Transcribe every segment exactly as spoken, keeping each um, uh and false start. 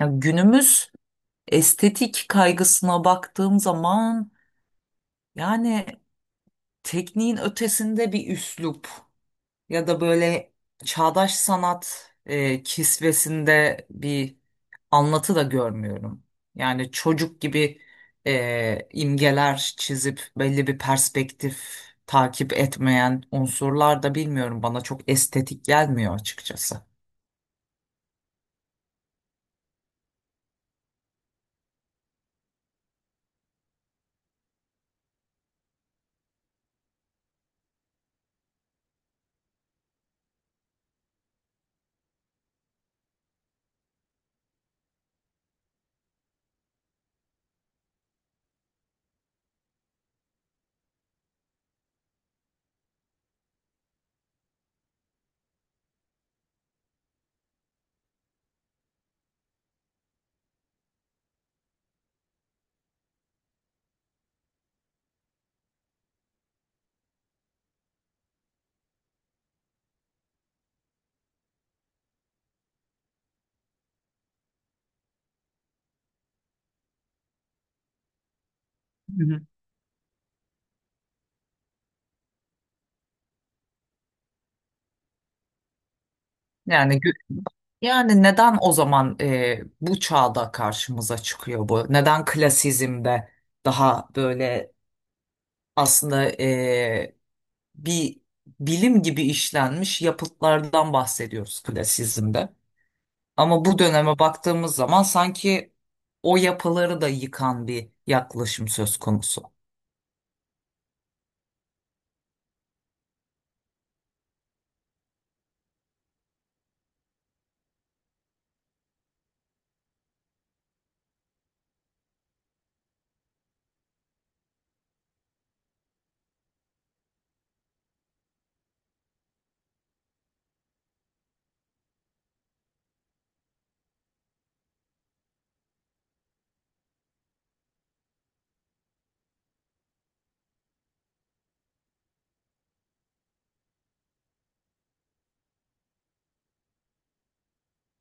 Ya günümüz estetik kaygısına baktığım zaman yani tekniğin ötesinde bir üslup ya da böyle çağdaş sanat e, kisvesinde bir anlatı da görmüyorum. Yani çocuk gibi e, imgeler çizip belli bir perspektif takip etmeyen unsurlar da bilmiyorum, bana çok estetik gelmiyor açıkçası. Hı hı. Yani, Yani neden o zaman e, bu çağda karşımıza çıkıyor bu? Neden klasizmde daha böyle aslında e, bir bilim gibi işlenmiş yapıtlardan bahsediyoruz klasizmde? Ama bu döneme baktığımız zaman sanki o yapıları da yıkan bir yaklaşım söz konusu.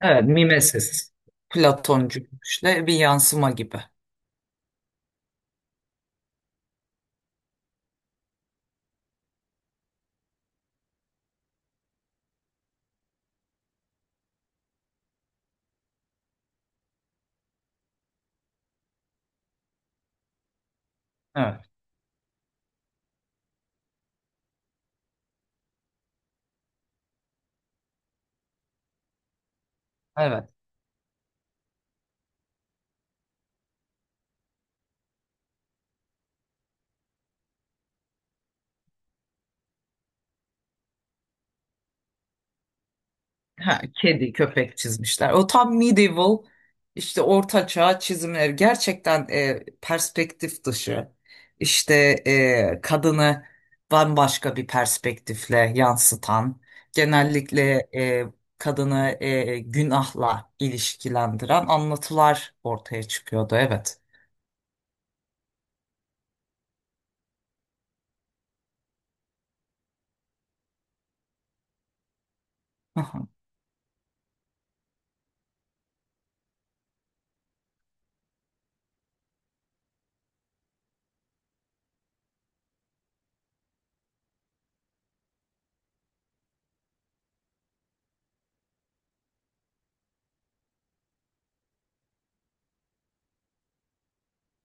Evet, mimesis. Platoncu işte, bir yansıma gibi. Evet, evet. Ha, kedi, köpek çizmişler. O tam medieval, işte orta çağ çizimleri gerçekten e, perspektif dışı. İşte e, kadını bambaşka bir perspektifle yansıtan, genellikle e, kadını e, günahla ilişkilendiren anlatılar ortaya çıkıyordu. Evet. Hı hı.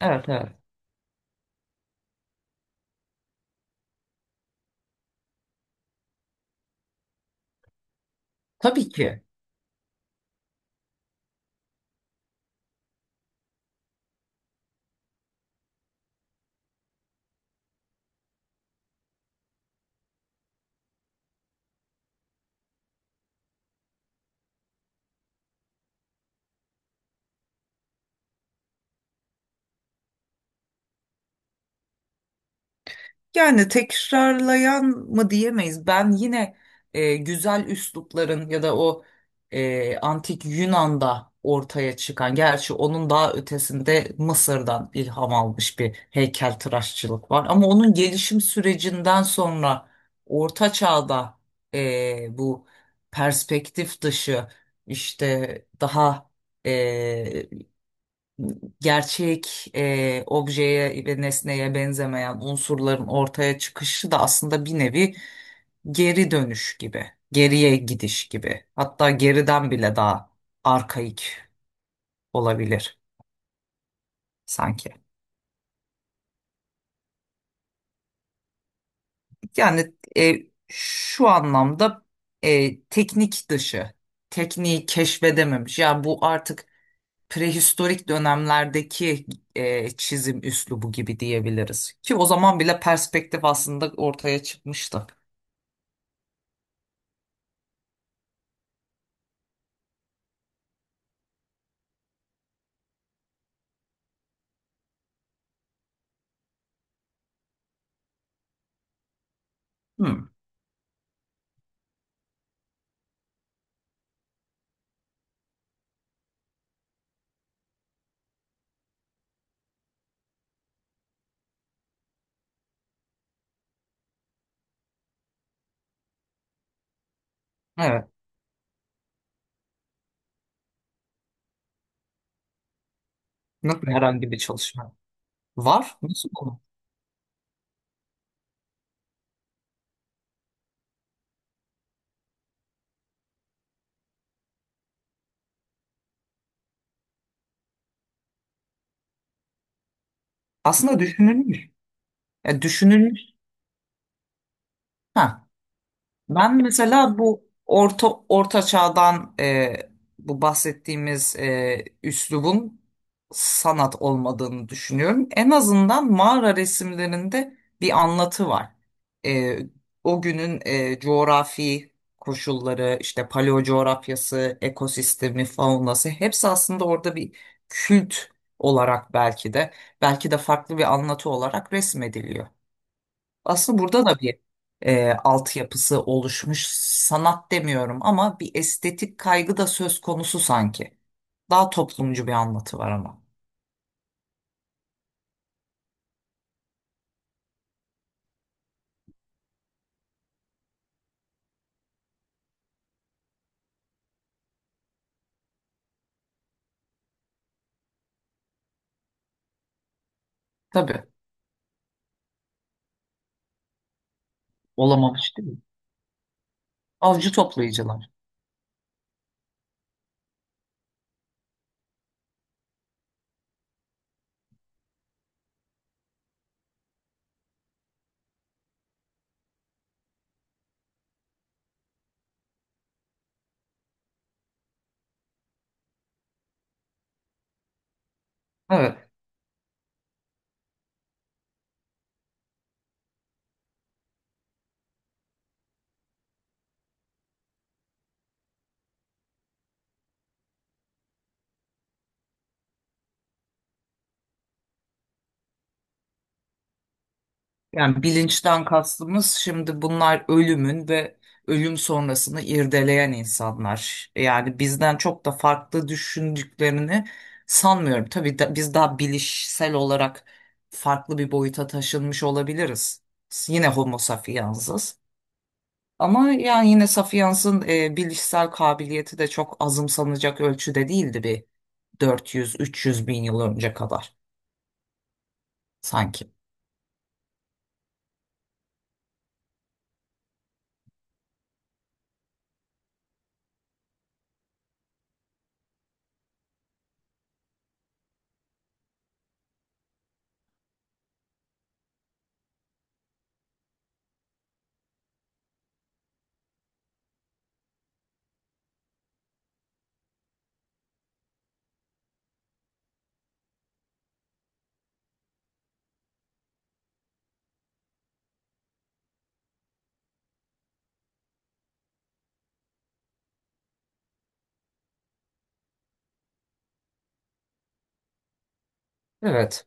Evet, evet. Tabii ki. Yani tekrarlayan mı diyemeyiz. Ben yine e, güzel üslupların ya da o e, antik Yunan'da ortaya çıkan, gerçi onun daha ötesinde Mısır'dan ilham almış bir heykeltıraşçılık var. Ama onun gelişim sürecinden sonra Orta Çağ'da e, bu perspektif dışı, işte daha e, gerçek e, objeye ve nesneye benzemeyen unsurların ortaya çıkışı da aslında bir nevi geri dönüş gibi, geriye gidiş gibi. Hatta geriden bile daha arkaik olabilir sanki. Yani e, şu anlamda e, teknik dışı, tekniği keşfedememiş. Yani bu artık prehistorik dönemlerdeki e, çizim üslubu gibi diyebiliriz. Ki o zaman bile perspektif aslında ortaya çıkmıştı. Hmm. Evet. Nasıl herhangi bir çalışma var? Nasıl bu? Aslında düşünülmüş. E, düşünülmüş. Ha. Ben mesela bu orta orta çağdan e, bu bahsettiğimiz e, üslubun sanat olmadığını düşünüyorum. En azından mağara resimlerinde bir anlatı var. E, O günün e, coğrafi koşulları, işte paleo coğrafyası, ekosistemi, faunası hepsi aslında orada bir kült olarak, belki de belki de farklı bir anlatı olarak resmediliyor. Aslında burada da bir e, altyapısı oluşmuş. Sanat demiyorum ama bir estetik kaygı da söz konusu sanki. Daha toplumcu bir anlatı var ama. Tabii. Olamamış değil mi? Avcı toplayıcılar. Evet. Yani bilinçten kastımız şimdi, bunlar ölümün ve ölüm sonrasını irdeleyen insanlar. Yani bizden çok da farklı düşündüklerini sanmıyorum. Tabii da, biz daha bilişsel olarak farklı bir boyuta taşınmış olabiliriz. Yine homo sapiens'iz. Ama yani yine sapiens'in e, bilişsel kabiliyeti de çok azımsanacak ölçüde değildi, bir dört yüz üç yüz bin yıl önce kadar sanki. Evet.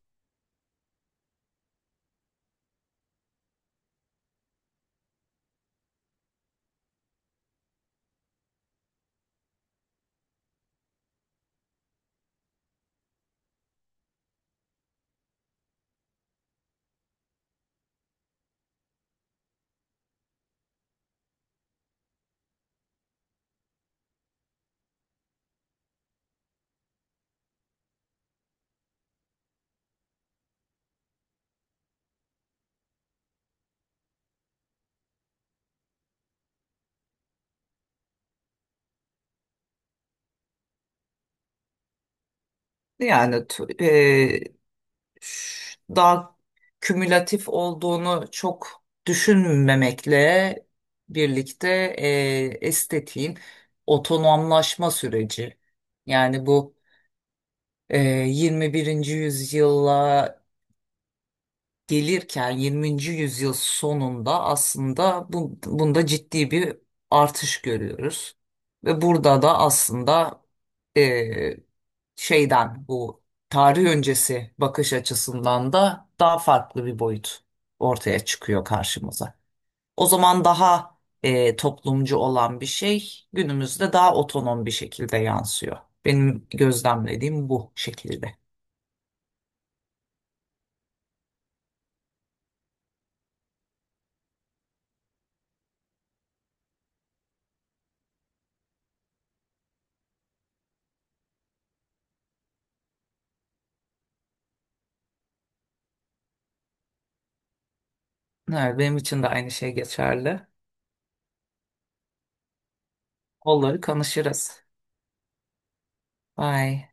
Yani ş- daha kümülatif olduğunu çok düşünmemekle birlikte e, estetiğin otonomlaşma süreci. Yani bu e, yirmi birinci yüzyılla gelirken yirminci yüzyıl sonunda aslında bu, bunda ciddi bir artış görüyoruz. Ve burada da aslında eee, şeyden bu tarih öncesi bakış açısından da daha farklı bir boyut ortaya çıkıyor karşımıza. O zaman daha eee, toplumcu olan bir şey günümüzde daha otonom bir şekilde yansıyor. Benim gözlemlediğim bu şekilde. Evet, benim için de aynı şey geçerli. Onları konuşuruz. Vay.